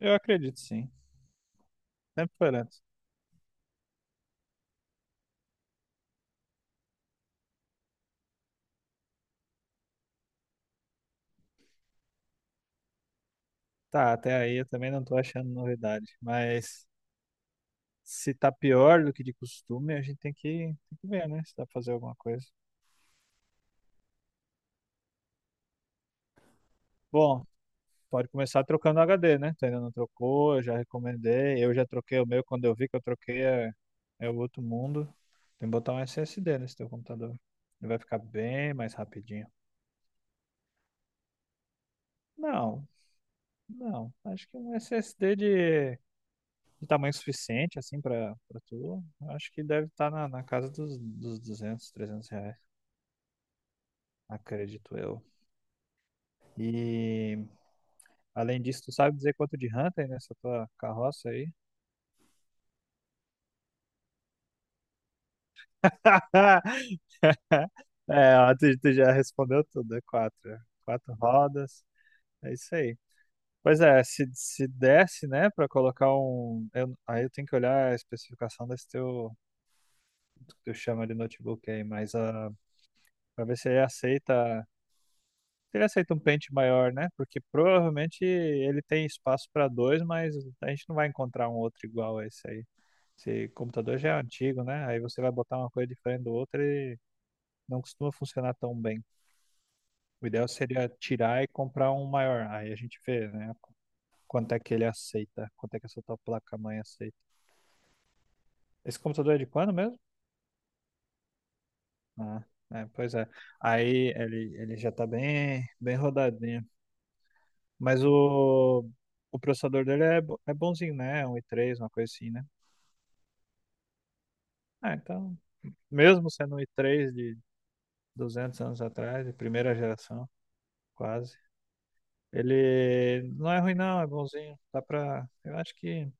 Eu acredito sim. Sempre foi lento. Tá, até aí eu também não tô achando novidade. Mas se tá pior do que de costume, a gente tem que ver, né? Se dá pra fazer alguma coisa. Bom, pode começar trocando o HD, né? Tu ainda não trocou, eu já recomendei. Eu já troquei o meu quando eu vi que eu troquei é o outro mundo. Tem que botar um SSD nesse teu computador. Ele vai ficar bem mais rapidinho. Não, não. Acho que um SSD de tamanho suficiente, assim, pra tu, eu acho que deve estar na casa dos 200, R$ 300, acredito eu. E, além disso, tu sabe dizer quanto de ranta aí nessa tua carroça aí? É, ó, tu já respondeu tudo, é quatro. Quatro rodas, é isso aí. Pois é, se desse, né, pra colocar um. Aí eu tenho que olhar a especificação desse teu. Do que tu chama de notebook aí, mas pra ver se ele aceita. Ele aceita um pente maior, né? Porque provavelmente ele tem espaço para dois, mas a gente não vai encontrar um outro igual a esse aí. Esse computador já é antigo, né? Aí você vai botar uma coisa diferente do outro e não costuma funcionar tão bem. O ideal seria tirar e comprar um maior. Aí a gente vê, né? Quanto é que ele aceita, quanto é que essa tua placa-mãe aceita. Esse computador é de quando mesmo? Ah, é, pois é. Aí ele já tá bem, bem rodadinho. Mas o processador dele é bonzinho, né? É um i3, uma coisa assim, né? Ah, então, mesmo sendo um i3 de 200 anos atrás, de primeira geração, quase, ele não é ruim, não, é bonzinho. Dá pra, eu acho que,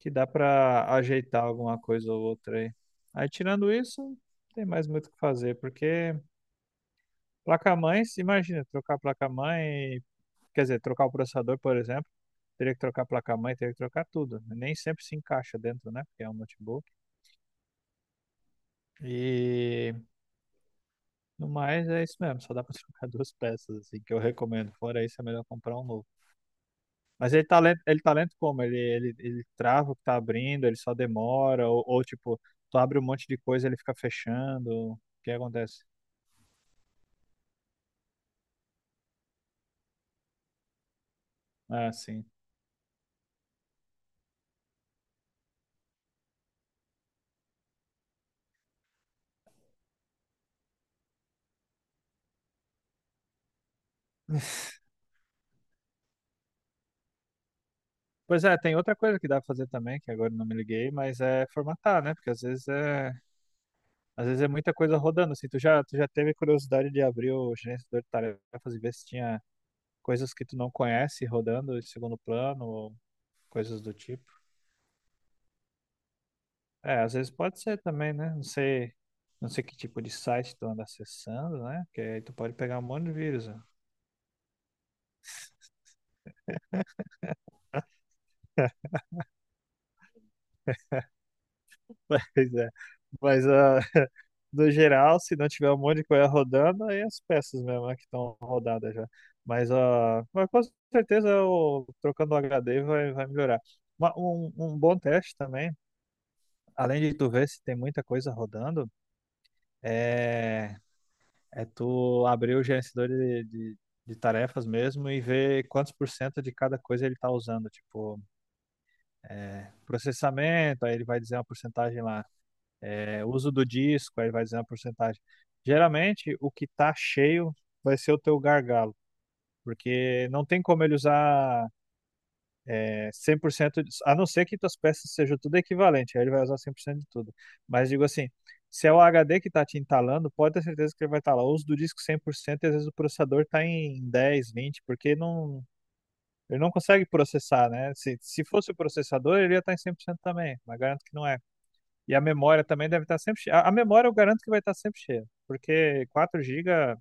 que dá pra ajeitar alguma coisa ou outra aí. Aí, tirando isso, não tem mais muito o que fazer, porque placa-mãe, se imagina, trocar placa-mãe. Quer dizer, trocar o processador, por exemplo, teria que trocar a placa-mãe, teria que trocar tudo. Nem sempre se encaixa dentro, né? Porque é um notebook. E no mais é isso mesmo, só dá pra trocar duas peças, assim, que eu recomendo. Fora isso, é melhor comprar um novo. Mas ele tá lento como? Ele trava o que tá abrindo, ele só demora, ou tipo, tu abre um monte de coisa e ele fica fechando. O que acontece? Ah, sim. Pois é, tem outra coisa que dá pra fazer também, que agora eu não me liguei, mas é formatar, né? Porque às vezes é muita coisa rodando, assim, tu já teve curiosidade de abrir o gerenciador de tarefas e ver se tinha coisas que tu não conhece rodando em segundo plano ou coisas do tipo. É, às vezes pode ser também, né? Não sei que tipo de site tu anda acessando, né? Porque aí tu pode pegar um monte de vírus, né? Mas é. Mas ah, no geral, se não tiver um monte de coisa rodando, aí é as peças mesmo, né, que estão rodadas já. Mas, ah, mas com certeza o trocando o HD vai melhorar. Um bom teste também. Além de tu ver se tem muita coisa rodando, é, é tu abrir o gerenciador de tarefas mesmo e ver quantos por cento de cada coisa ele está usando. Tipo, processamento, aí ele vai dizer uma porcentagem lá. É, uso do disco, aí ele vai dizer uma porcentagem. Geralmente, o que tá cheio vai ser o teu gargalo, porque não tem como ele usar 100%, a não ser que tuas peças sejam tudo equivalente, aí ele vai usar 100% de tudo. Mas digo assim, se é o HD que está te entalando, pode ter certeza que ele vai estar lá. Ou os do disco 100% e às vezes o processador está em 10 20 porque não, ele não consegue processar, né? Se fosse o processador, ele ia estar em 100% também, mas garanto que não é. E a memória também deve estar sempre cheia. A memória eu garanto que vai estar sempre cheia, porque 4 gigas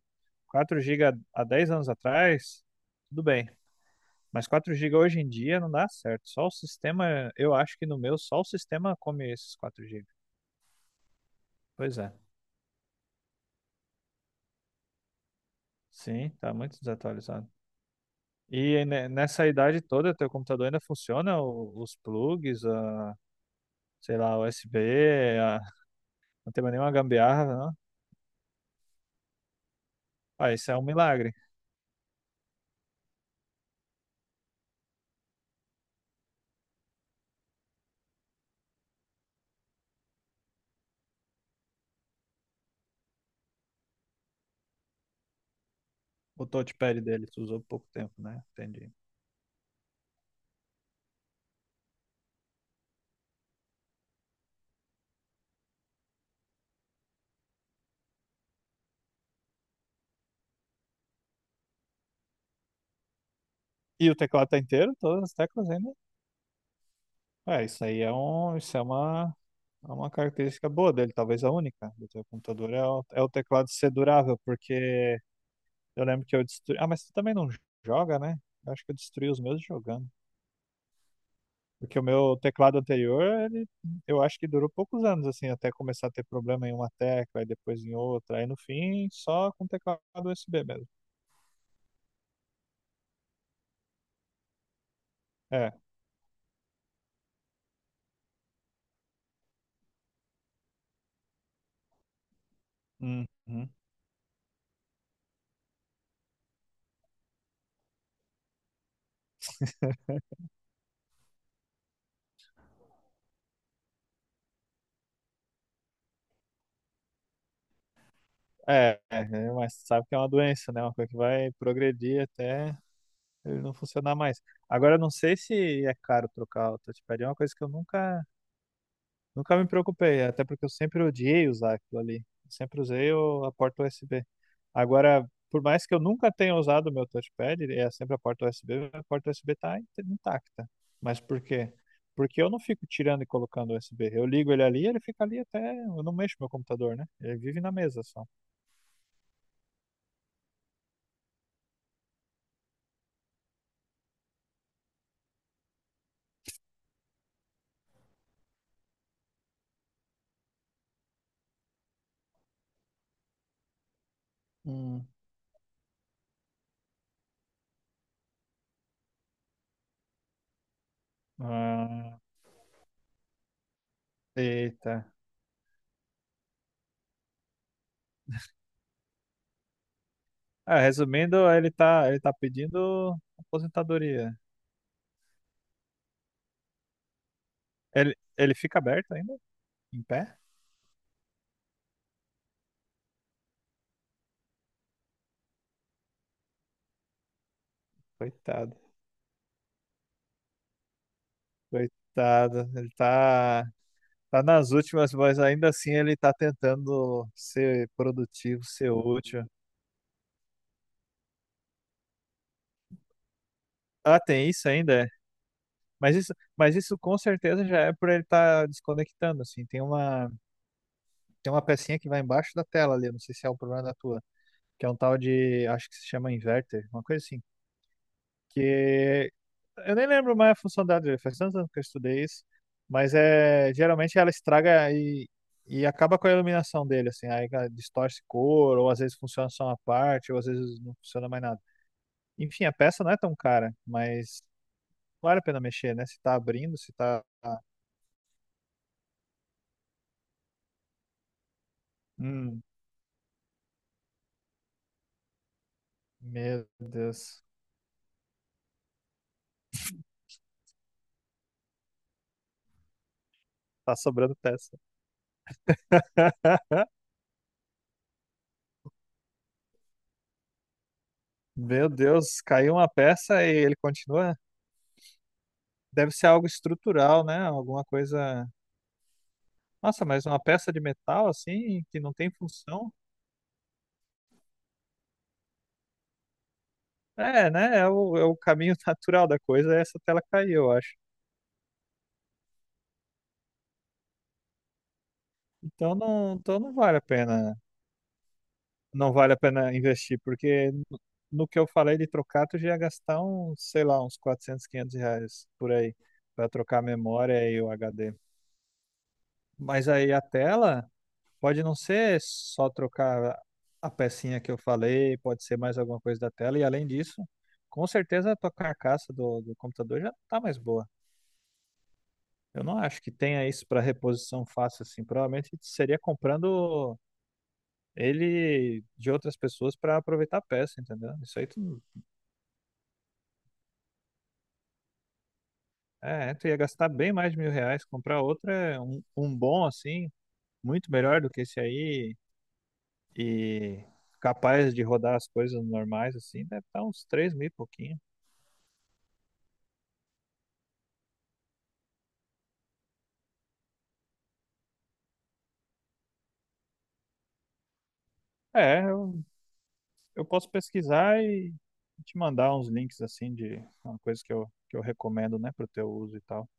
4 gigas há 10 anos atrás, tudo bem. Mas 4 gigas hoje em dia não dá certo. Só o sistema, eu acho que no meu, só o sistema come esses 4 gigas. Pois é. Sim, tá muito desatualizado. E nessa idade toda, teu computador ainda funciona? Os plugs, a, sei lá, USB, a, não tem mais nenhuma gambiarra, não? Ah, isso é um milagre. O touchpad dele, tu usou pouco tempo, né? Entendi. E o teclado tá inteiro? Todas as teclas ainda? É, isso aí é um, isso é uma É uma característica boa dele, talvez a única do teu computador é o teclado ser durável, porque eu lembro que eu destruí. Ah, mas tu também não joga, né? Eu acho que eu destruí os meus jogando. Porque o meu teclado anterior, ele, eu acho que durou poucos anos, assim, até começar a ter problema em uma tecla, e depois em outra, aí no fim, só com teclado USB mesmo. É. Uhum. É, é, é, mas sabe que é uma doença, né? Uma coisa que vai progredir até ele não funcionar mais. Agora, eu não sei se é caro trocar o touchpad, é uma coisa que eu nunca me preocupei, até porque eu sempre odiei usar aquilo ali. Sempre usei a porta USB. Agora, por mais que eu nunca tenha usado o meu touchpad, é sempre a porta USB, a porta USB está intacta. Mas por quê? Porque eu não fico tirando e colocando o USB. Eu ligo ele ali, ele fica ali até. Eu não mexo meu computador, né? Ele vive na mesa só. Hum. Ah, eita. Ah, resumindo, ele tá pedindo aposentadoria. Ele fica aberto ainda? Em pé? Coitado. Coitado, ele tá nas últimas, mas ainda assim ele tá tentando ser produtivo, ser útil. Ah, tem isso ainda, é. Mas isso com certeza já é por ele estar desconectando, assim. Tem uma pecinha que vai embaixo da tela ali, eu não sei se é o problema da tua, que é um tal de, acho que se chama inverter, uma coisa assim. Que Eu nem lembro mais a função da Adria, faz tantos anos que eu estudei isso, mas é, geralmente ela estraga e acaba com a iluminação dele, assim, aí ela distorce cor, ou às vezes funciona só uma parte, ou às vezes não funciona mais nada. Enfim, a peça não é tão cara, mas vale a pena mexer, né? Se tá abrindo, se tá. Hum, meu Deus, tá sobrando peça. Meu Deus, caiu uma peça e ele continua. Deve ser algo estrutural, né? Alguma coisa. Nossa, mas uma peça de metal assim, que não tem função. É, né? É o caminho natural da coisa, é essa tela cair, eu acho. Então não vale a pena, não vale a pena investir, porque no que eu falei de trocar, tu já ia gastar uns, sei lá, uns 400, 500 reais por aí, para trocar a memória e o HD. Mas aí a tela pode não ser só trocar a pecinha que eu falei, pode ser mais alguma coisa da tela, e além disso, com certeza a tua carcaça do computador já não tá mais boa. Eu não acho que tenha isso para reposição fácil assim. Provavelmente seria comprando ele de outras pessoas para aproveitar a peça, entendeu? Isso aí tu ia gastar bem mais de 1.000 reais. Comprar outro é um bom assim, muito melhor do que esse aí e capaz de rodar as coisas normais assim. Deve estar uns 3 mil e pouquinho. É, eu posso pesquisar e te mandar uns links assim de uma coisa que eu recomendo, né, pro teu uso e tal.